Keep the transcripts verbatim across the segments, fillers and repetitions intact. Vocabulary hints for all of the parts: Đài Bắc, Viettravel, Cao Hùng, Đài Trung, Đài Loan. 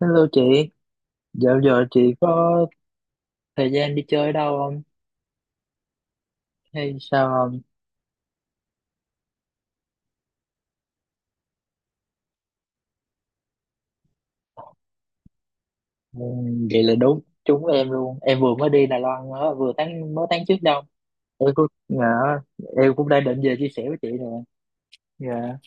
Hello chị, dạo giờ chị có thời gian đi chơi đâu không? Hay sao không? Ừ, vậy là đúng, trúng em luôn. Em vừa mới đi Đài Loan mới- vừa tháng mới tháng trước đâu. Em cũng dạ, em cũng đang định về chia sẻ với chị nè. Dạ.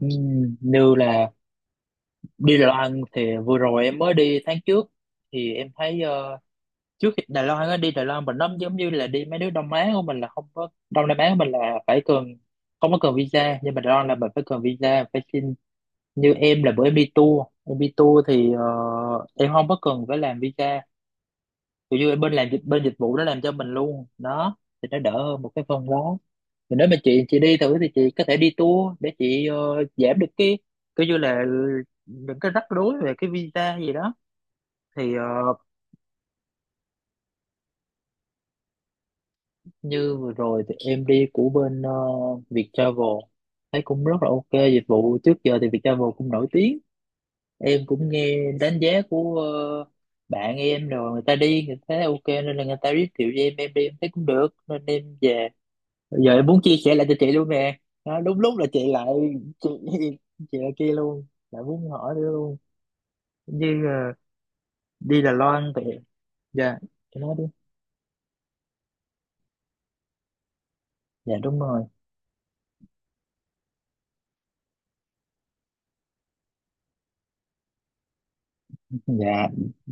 Ừ, như là đi Đài Loan thì vừa rồi em mới đi tháng trước, thì em thấy ờ, trước khi Đài Loan á, đi Đài Loan mình nó giống như là đi mấy nước Đông Á của mình, là không có Đông Nam Á của mình là phải cần không có cần visa, nhưng mà Đài Loan là mình phải cần visa, phải xin. Như em là bữa em đi tour, em đi tour thì ờ, em không có cần phải làm visa, kiểu như bên làm dịch bên dịch vụ nó làm cho mình luôn đó, thì nó đỡ hơn một cái phần đó. Thì nếu mà chị chị đi thử thì chị có thể đi tour để chị ờ, giảm được cái kiểu như là những cái rắc rối về cái visa gì đó. Thì ờ, như vừa rồi thì em đi của bên ờ, Viettravel, thấy cũng rất là ok, dịch vụ trước giờ thì Viettravel cũng nổi tiếng. Em cũng nghe đánh giá của ờ, bạn em rồi, người ta đi người ta thấy ok, nên là người ta giới thiệu cho em em đi em thấy cũng được nên em về. Bây giờ em muốn chia sẻ lại cho chị luôn nè. Đó, đúng lúc là chị lại chị, chị lại kia luôn, lại muốn hỏi nữa luôn. Như ờ, đi Đài Loan thì, dạ chị nói đi. Dạ đúng rồi. Dạ,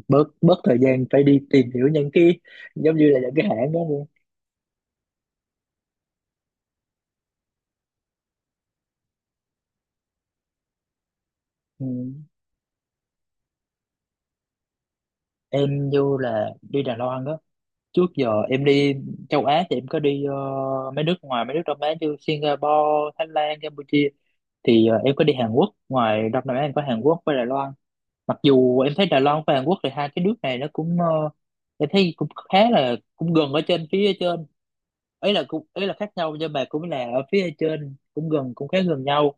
bớt bớt thời gian phải đi tìm hiểu những cái giống như là những cái hãng đó luôn. Ừ. Em vô là đi Đài Loan đó. Trước giờ em đi châu Á thì em có đi ờ, mấy nước ngoài mấy nước Đông Á như Singapore, Thái Lan, Campuchia, thì ờ, em có đi Hàn Quốc. Ngoài Đông Nam Á em có Hàn Quốc với Đài Loan. Mặc dù em thấy Đài Loan và Hàn Quốc thì hai cái nước này nó cũng ờ, em thấy cũng khá là cũng gần ở trên phía trên, ấy là cũng ấy là khác nhau nhưng mà cũng là ở phía trên, cũng gần cũng khá gần nhau.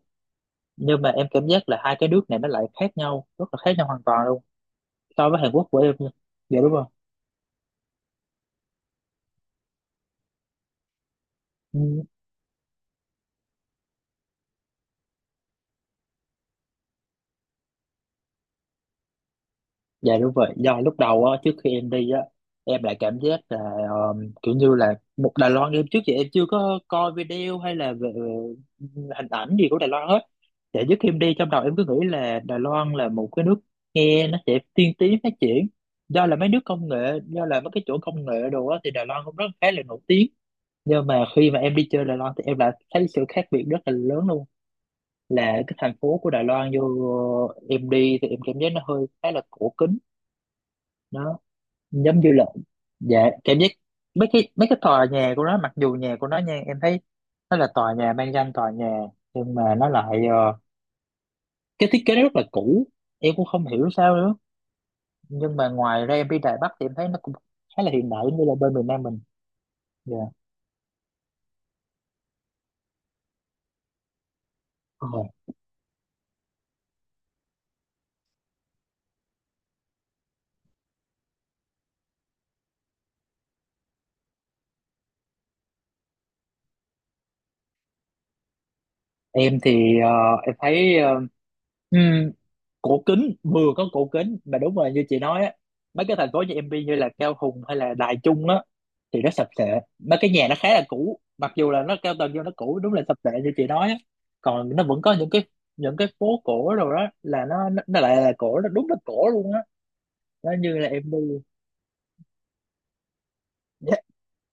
Nhưng mà em cảm giác là hai cái nước này nó lại khác nhau, rất là khác nhau hoàn toàn luôn so với Hàn Quốc của em nha. Dạ đúng. Không Dạ đúng vậy, do lúc đầu á, trước khi em đi á, em lại cảm giác là um, kiểu như là một Đài Loan, em trước giờ em chưa có coi video hay là về hình ảnh gì của Đài Loan hết. Dạ trước khi em đi trong đầu em cứ nghĩ là Đài Loan là một cái nước nghe nó sẽ tiên tiến phát triển. Do là mấy nước công nghệ, do là mấy cái chỗ công nghệ đồ á thì Đài Loan cũng rất khá là nổi tiếng. Nhưng mà khi mà em đi chơi Đài Loan thì em lại thấy sự khác biệt rất là lớn luôn. Là cái thành phố của Đài Loan vô em đi thì em cảm giác nó hơi khá là cổ kính. Đó, giống như là, dạ cảm giác mấy cái mấy cái tòa nhà của nó, mặc dù nhà của nó nha, em thấy nó là tòa nhà mang danh tòa nhà nhưng mà nó lại ờ, cái thiết kế nó rất là cũ, em cũng không hiểu sao nữa. Nhưng mà ngoài ra em đi Đài Bắc thì em thấy nó cũng khá là hiện đại như là bên miền Nam mình. Dạ. Ờ, em thì ờ, em thấy ờ, ừ, cổ kính, vừa có cổ kính mà đúng rồi như chị nói á, mấy cái thành phố như M B, như là Cao Hùng hay là Đài Trung á, thì nó sập sệ, mấy cái nhà nó khá là cũ, mặc dù là nó cao tầng nhưng nó cũ, đúng là sập sệ như chị nói á. Còn nó vẫn có những cái, những cái phố cổ rồi, đó là nó nó, nó lại là cổ, nó đúng là cổ luôn á, nó như là M B. Dạ,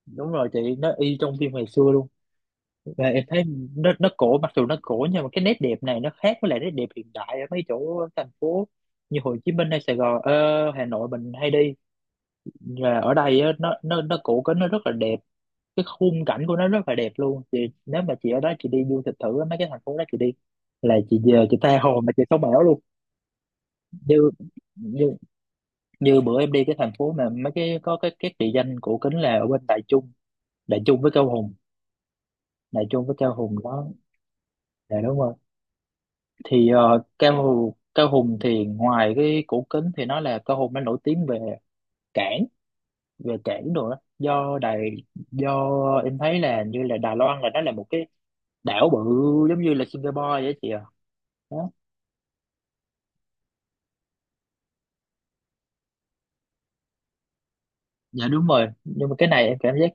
đúng rồi chị, nó y trong phim ngày xưa luôn. Và em thấy nó nó cổ, mặc dù nó cổ nhưng mà cái nét đẹp này nó khác với lại nét đẹp hiện đại ở mấy chỗ thành phố như Hồ Chí Minh hay Sài Gòn, ờ, Hà Nội mình hay đi. Và ở đây á, nó nó nó cổ kính, nó rất là đẹp, cái khung cảnh của nó rất là đẹp luôn. Thì nếu mà chị ở đó chị đi du lịch thử á, mấy cái thành phố đó chị đi là chị về chị tha hồ mà chị sống ảo luôn. Như như như bữa em đi cái thành phố mà mấy cái có cái cái địa danh cổ kính là ở bên Đại Trung, Đại Trung với Cao Hùng, Đại Trung với Cao Hùng đó là đúng rồi. Thì ờ, Cao Hùng, Cao Hùng thì ngoài cái cổ kính thì nó là Cao Hùng nó nổi tiếng về cảng, về cảng đồ đó, do Đài, do em thấy là như là Đài Loan là nó là một cái đảo bự giống như là Singapore vậy chị à. Đó. Dạ đúng rồi, nhưng mà cái này em cảm giác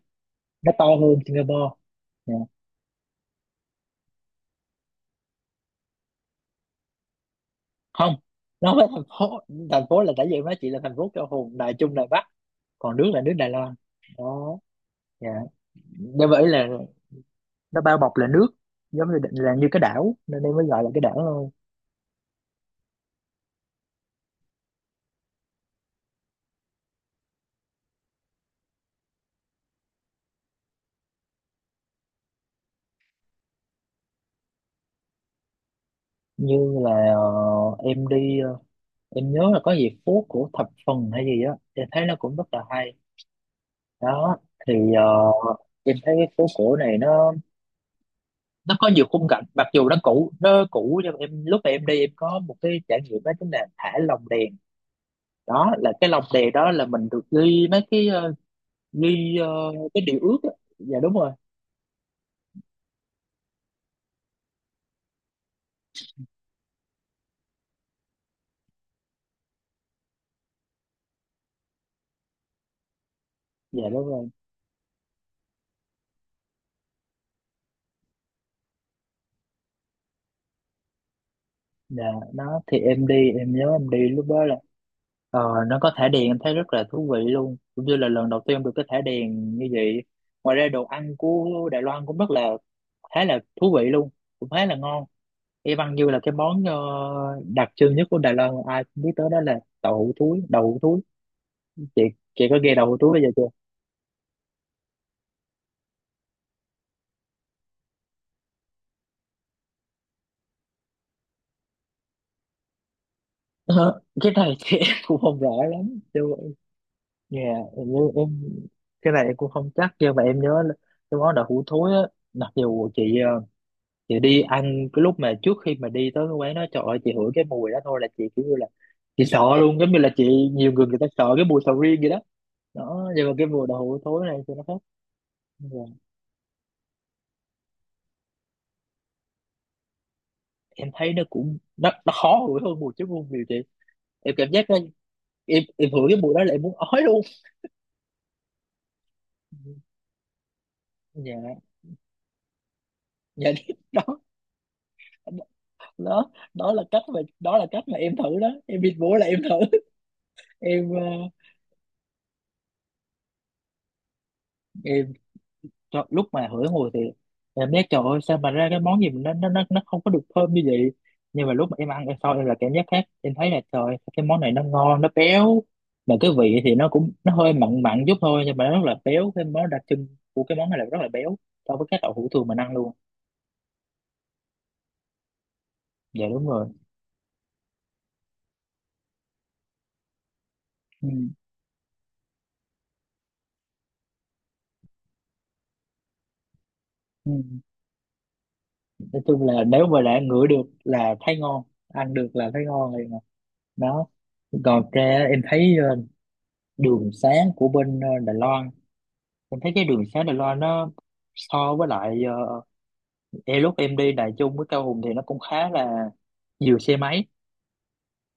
nó to hơn Singapore. Dạ. Không, nó không phải thành phố, thành phố là tại vì em nói chị là thành phố cho hùng Đài Trung Đài Bắc, còn nước là nước Đài Loan đó. Dạ. Nên vậy là nó bao bọc là nước, giống như là như cái đảo nên em mới gọi là cái đảo thôi. Như là ờ, em đi ờ, em nhớ là có gì phố của thập phần hay gì á, em thấy nó cũng rất là hay đó. Thì ờ, em thấy cái phố cổ này nó nó có nhiều khung cảnh, mặc dù nó cũ nó cũ nhưng mà em lúc mà em đi em có một cái trải nghiệm đó, chính là thả lồng đèn. Đó là cái lồng đèn đó là mình được ghi mấy cái ờ, ghi ờ, cái điều ước á. Dạ đúng rồi. Dạ đúng rồi. Dạ nó thì em đi em nhớ em đi lúc đó là ờ, nó có thả đèn em thấy rất là thú vị luôn, cũng như là lần đầu tiên em được cái thả đèn như vậy. Ngoài ra đồ ăn của Đài Loan cũng rất là khá là thú vị luôn, cũng khá là ngon, y văn như là cái món ờ, đặc trưng nhất của Đài Loan mà ai cũng biết tới đó là đậu hũ thúi, đậu hũ thúi chị chị có nghe đậu hũ thúi bây giờ chưa? Ờ, cái này thì em cũng không rõ lắm chứ nhà, như em nhớ- em cái này em cũng không chắc nhưng mà em nhớ là cái món đậu hũ thối á, mặc dù chị ờ, chị đi ăn, cái lúc mà trước khi mà đi tới cái quán đó trời ơi chị hửi cái mùi đó thôi là chị kiểu như là chị sợ luôn, giống như là chị nhiều người người ta sợ cái mùi sầu riêng vậy đó. Đó nhưng mà cái mùi đậu hũ thối này thì nó khác. Em thấy nó cũng nó, nó khó đuổi hơn mùi chó muôn nhiều chị. Em cảm giác nó, em em hửi cái mùi đó là em muốn ói luôn. Dạ. Dạ đó. Đó đó là cách mà, đó là cách mà em thử đó, em bị bố là em thử em ờ, em cho, lúc mà hửi ngồi thì em biết trời ơi sao mà ra cái món gì mà nó nó nó nó không có được thơm như vậy. Nhưng mà lúc mà em ăn em sau em là cảm giác khác, em thấy là trời cái món này nó ngon nó béo, mà cái vị thì nó cũng nó hơi mặn mặn chút thôi nhưng mà nó rất là béo. Cái món đặc trưng của cái món này là rất là béo so với các đậu hũ thường mình ăn luôn. Dạ đúng rồi. Ừ. Ừ. Nói chung là nếu mà đã ngửi được là thấy ngon, ăn được là thấy ngon rồi mà. Đó, còn ra em thấy ờ, đường sáng của bên ờ, Đài Loan, em thấy cái đường xá Đài Loan nó so với lại ờ, e lúc em đi Đài Trung với Cao Hùng thì nó cũng khá là nhiều xe máy,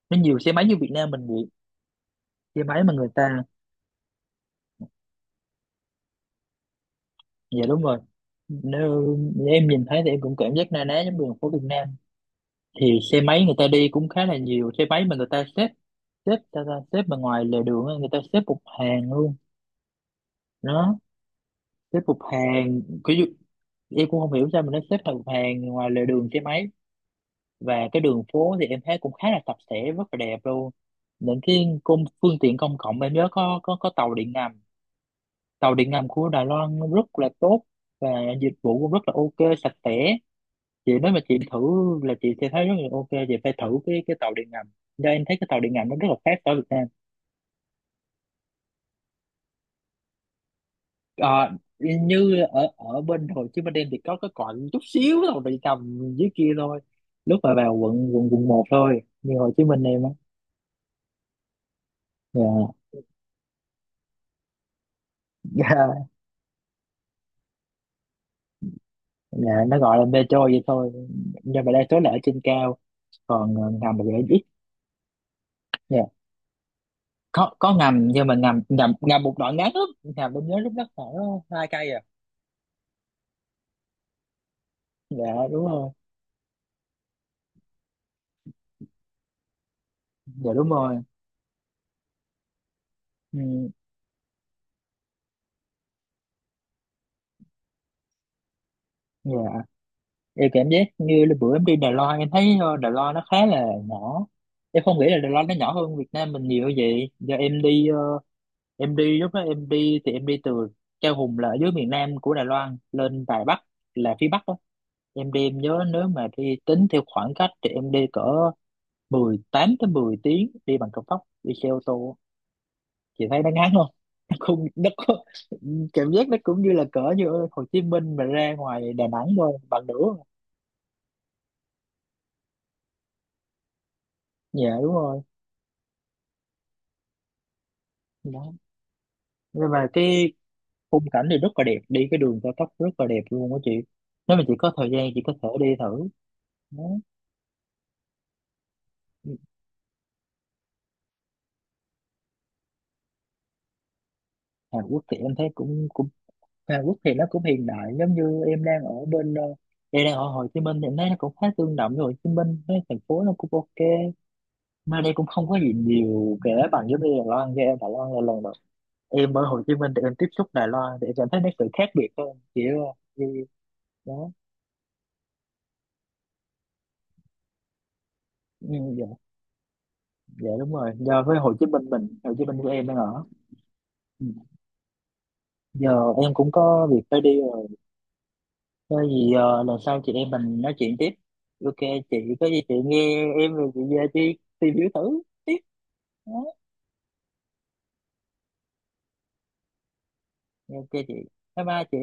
nó nhiều xe máy như Việt Nam mình vậy. Xe máy mà người ta, dạ đúng rồi. Nếu em nhìn thấy thì em cũng cảm giác na ná giống đường phố Việt Nam, thì xe máy người ta đi cũng khá là nhiều xe máy mà người ta xếp, xếp ta, ta xếp mà ngoài lề đường á, người ta xếp một hàng luôn. Đó, xếp một hàng, ví dụ em cũng không hiểu sao mà nó xếp thành một hàng ngoài lề đường xe máy. Và cái đường phố thì em thấy cũng khá là sạch sẽ, rất là đẹp luôn. Những cái công phương tiện công cộng em nhớ có có có tàu điện ngầm, tàu điện ngầm của Đài Loan rất là tốt. Và dịch vụ cũng rất là ok, sạch sẽ. Chị nếu mà chị thử là chị sẽ thấy rất là ok, chị phải thử cái cái tàu điện ngầm, do em thấy cái tàu điện ngầm nó rất là khác ở Việt Nam. Ờ, như ở ở bên Hồ Chí Minh em thì có cái còn chút xíu tàu điện ngầm dưới kia thôi, lúc mà vào quận quận quận một thôi, như Hồ Chí Minh em á. Yeah. Dạ, nó gọi là metro vậy thôi, nhưng mà đa số là ở trên cao, còn ờ, ngầm thì lại ít. Dạ, có có ngầm nhưng mà ngầm ngầm ngầm một đoạn ngắn lắm. Ngầm bên nhớ lúc đó khoảng hai cây à. Dạ đúng rồi, dạ đúng rồi, ừ, dạ. Em cảm giác như là bữa em đi Đài Loan em thấy ờ, Đài Loan nó khá là nhỏ, em không nghĩ là Đài Loan nó nhỏ hơn Việt Nam mình nhiều như vậy. Giờ em đi ờ, em đi, lúc đó em đi thì em đi từ Chao Hùng là ở dưới miền Nam của Đài Loan lên Đài Bắc là phía Bắc đó. Em đi em nhớ nếu mà đi tính theo khoảng cách thì em đi cỡ mười tám tới mười tiếng đi bằng cao tốc, đi xe ô tô. Chị thấy nó ngắn không? nó không nó có, Cảm giác nó cũng như là cỡ như ở Hồ Chí Minh mà ra ngoài Đà Nẵng thôi, bằng nửa. Dạ đúng rồi. Đó. Nhưng mà cái khung cảnh thì rất là đẹp, đi cái đường cao tốc rất là đẹp luôn á chị. Nếu mà chị có thời gian chị có thể đi thử. Đó. Hàn Quốc thì em thấy cũng cũng Hàn Quốc thì nó cũng hiện đại, giống như em đang ở bên ờ, em đang ở Hồ Chí Minh thì em thấy nó cũng khá tương đồng với Hồ Chí Minh, cái thành phố nó cũng ok. Mà đây cũng không có gì nhiều kể bằng giống như Đài Loan kia em, Đài Loan là lần đầu em ở Hồ Chí Minh thì em tiếp xúc, Đài Loan thì em cảm thấy nó sự khác biệt hơn, kiểu ờ, như. Đó, ừ, dạ, dạ đúng rồi, giờ với Hồ Chí Minh mình, Hồ Chí Minh của em đang ở. Ừ. Giờ em cũng có việc phải đi rồi, có gì ờ, lần sau chị em mình nói chuyện tiếp. Ok chị, có gì chị nghe em rồi chị về chị tìm hiểu thử. Đó, ok chị, bye bye chị.